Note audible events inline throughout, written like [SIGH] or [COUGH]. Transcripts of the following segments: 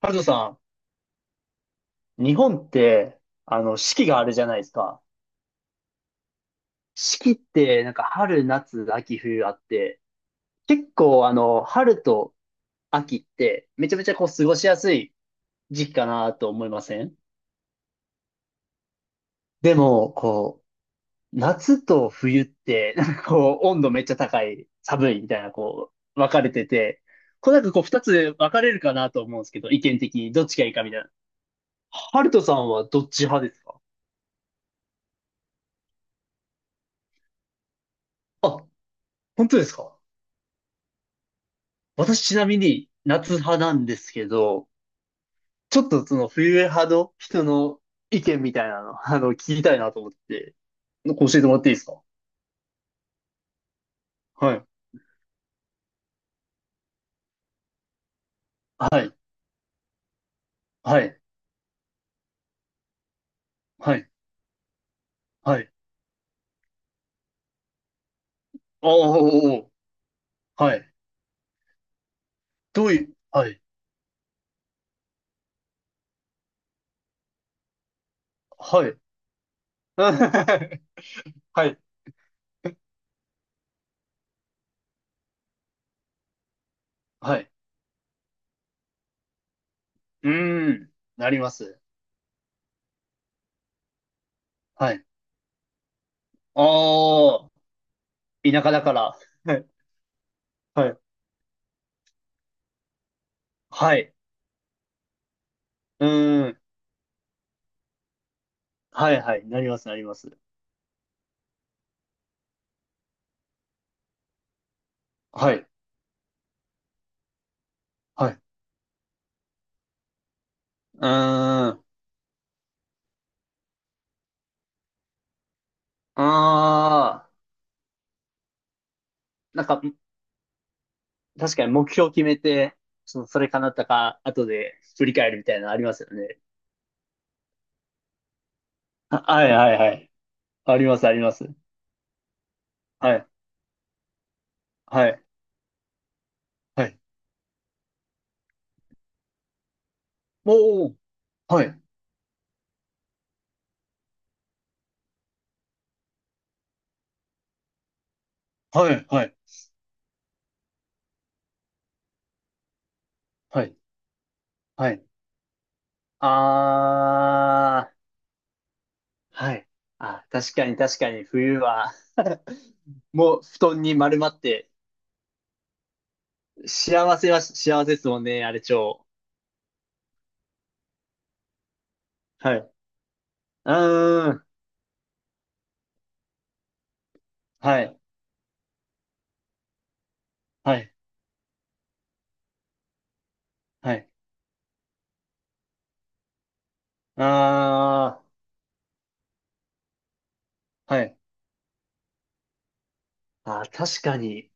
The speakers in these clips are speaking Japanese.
ハルトさん、日本って、四季があるじゃないですか。四季って、なんか春、夏、秋、冬あって、結構、春と秋って、めちゃめちゃ過ごしやすい時期かなと思いません？でも、夏と冬って、なんか温度めっちゃ高い、寒いみたいな、分かれてて、なんか二つ分かれるかなと思うんですけど、意見的にどっちがいいかみたいな。ハルトさんはどっち派ですか？あ、本当ですか？私ちなみに夏派なんですけど、ちょっとその冬派の人の意見みたいなの、[LAUGHS] 聞きたいなと思って、教えてもらっていいですか？はい。はい。はい。はい。はい。おーおーおー。はい。どういう、はい。はい。[LAUGHS] はい。はい。うーん。なります。はい。ああ、田舎だから。はい。はい。はい。うーん。はいはい。なります、なります。はい。はい。うーん。ああ。なんか、確かに目標を決めて、それ叶ったか、後で振り返るみたいなのありますよね。あはいはいはい。あります、あります。はい、はい、はい。おー、はい、はい、はい、はい、はい。あー、はい。あ、確かに確かに冬は、もう布団に丸まって、幸せは幸せですもんね、あれ超。はい。うーん、はい、はい、はい。あー、はい。あー、確かに、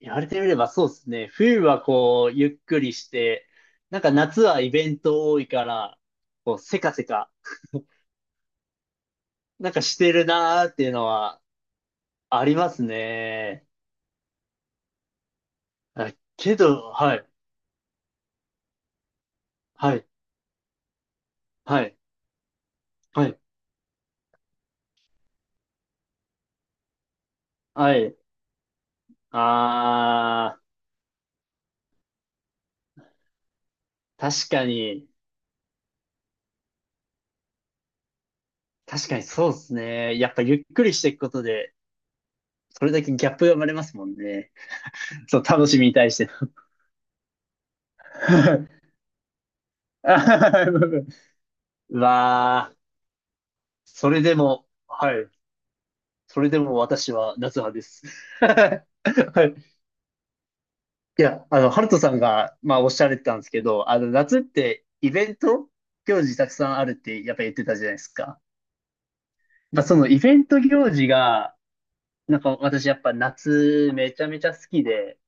言われてみればそうですね。冬はこう、ゆっくりして、なんか夏はイベント多いから、せかせか、なんかしてるなーっていうのはありますね。あけど、はい、はい、はい、はい、はい。あー、確かに、確かにそうですね。やっぱゆっくりしていくことで、それだけギャップが生まれますもんね。そう、楽しみに対しての。[LAUGHS] うわー。それでも、はい。それでも私は夏派です。[LAUGHS] はい。いや、ハルトさんが、まあ、おっしゃられてたんですけど、夏ってイベント行事たくさんあるって、やっぱ言ってたじゃないですか。まあ、そのイベント行事が、なんか私やっぱ夏めちゃめちゃ好きで、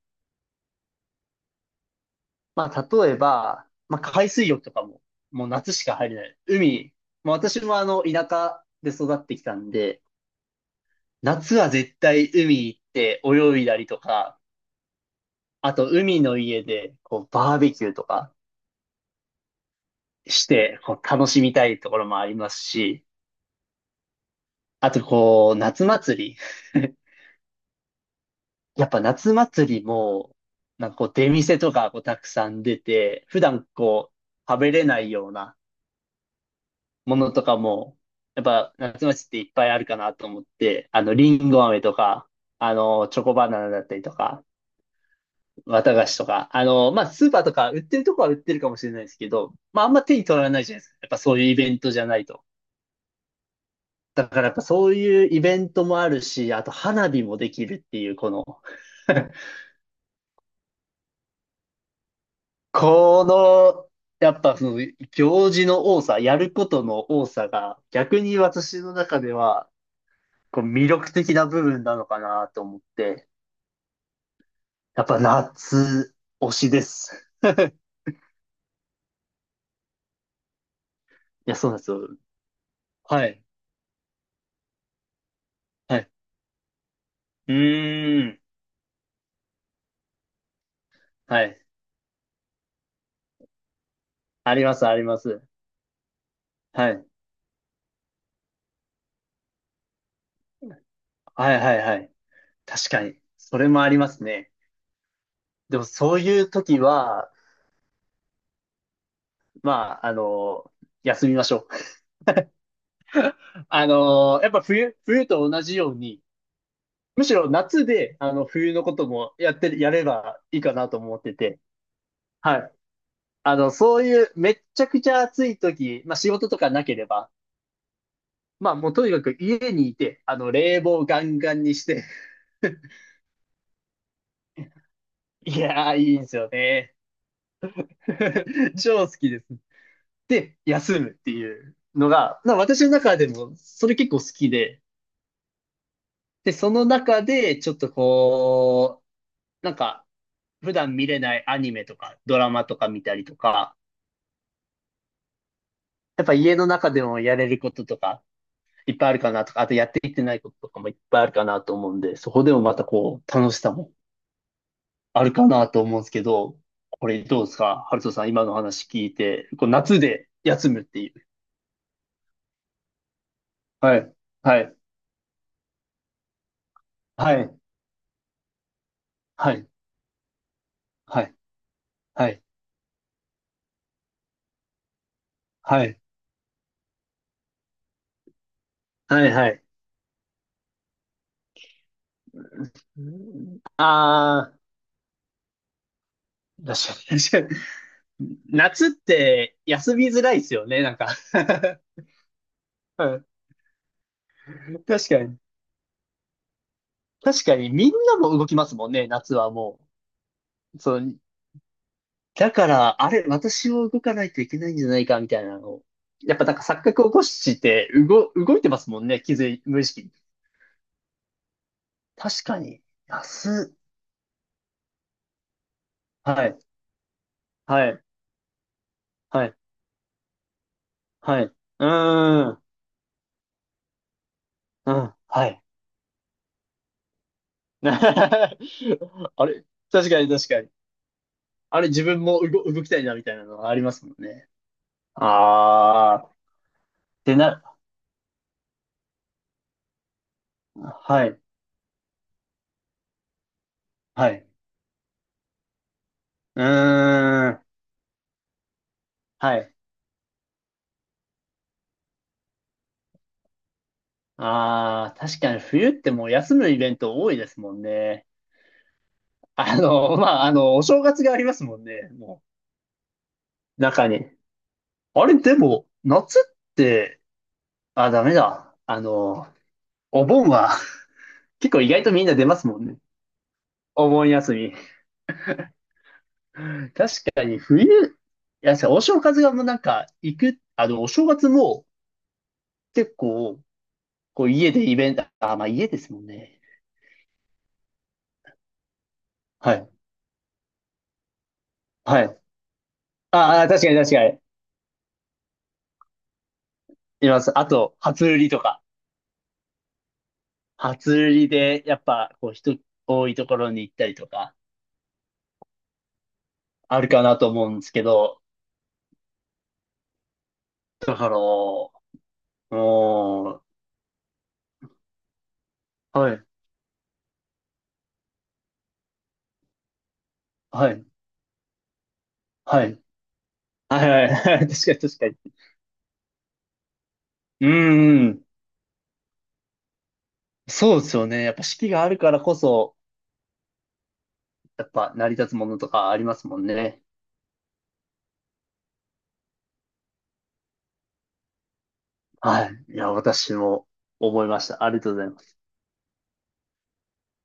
まあ、例えば、まあ、海水浴とかも、もう夏しか入れない。海、まあ、私も田舎で育ってきたんで、夏は絶対海行って泳いだりとか、あと、海の家で、バーベキューとかして、楽しみたいところもありますし、あと、夏祭り。[LAUGHS] やっぱ夏祭りも、なんか出店とか、たくさん出て、普段食べれないようなものとかも、やっぱ夏祭りっていっぱいあるかなと思って、りんご飴とか、チョコバナナだったりとか、綿菓子とか、まあ、スーパーとか売ってるとこは売ってるかもしれないですけど、まあ、あんま手に取らないじゃないですか。やっぱそういうイベントじゃないと。だからやっぱそういうイベントもあるし、あと花火もできるっていう、[LAUGHS] この、やっぱその行事の多さ、やることの多さが逆に私の中では魅力的な部分なのかなと思って、やっぱ夏推しです。いや、そうなんですよ。はい。はい。うーん。はい。あります、あります。はい。はい、はい、はい。確かに。それもありますね。でもそういう時は、まあ、休みましょう。[LAUGHS] やっぱ冬と同じように、むしろ夏で、冬のこともやってる、やればいいかなと思ってて、はい。そういうめっちゃくちゃ暑い時、まあ仕事とかなければ、まあもうとにかく家にいて、冷房ガンガンにして、[LAUGHS] いやー、いいんですよね。[LAUGHS] 超好きです。で、休むっていうのが、まあ私の中でもそれ結構好きで、で、その中でちょっとなんか、普段見れないアニメとか、ドラマとか見たりとか、やっぱ家の中でもやれることとか、いっぱいあるかなとか、あとやっていってないこととかもいっぱいあるかなと思うんで、そこでもまた楽しさもあるかなと思うんですけど、これどうですかハルトさん、今の話聞いて、夏で休むっていう。はい、はい、はい、はい、はい、はい、はい、はい、はい。あー、確かに、確かに。夏って休みづらいですよね、なんか。[LAUGHS] 確かに。確かに、みんなも動きますもんね、夏はもう。そう、だから、あれ、私も動かないといけないんじゃないか、みたいなのを。やっぱなんか錯覚を起こして、動いてますもんね、気づい、無意識に。確かに、安っ。はい、はい、はい、はい。うーん、うん、はい。[LAUGHS] あれ、確かに確かに。あれ、自分も動きたいな、みたいなのはありますもんね。あー、ってな、はい、はい。うーん、はい。ああ、確かに冬ってもう休むイベント多いですもんね。[LAUGHS] まあ、お正月がありますもんね、もう、中に。あれ、でも、夏って、あ、ダメだ。お盆は [LAUGHS] 結構意外とみんな出ますもんね。お盆休み。確かに冬、いや、お正月がもうなんか、お正月も結構、こう家でイベント、あ、まあ家ですもんね。はい。はい。ああ、確かに確かに。います。あと、初売りとか。初売りで、やっぱ、人多いところに行ったりとか、あるかなと思うんですけど、だから、うーはい、はい、はい、はい、はい、はい [LAUGHS] 確かに確かに。うんうん、そうですよね。やっぱ四季があるからこそ、やっぱ成り立つものとかありますもんね。はい。いや、私も思いました。ありがとうございます。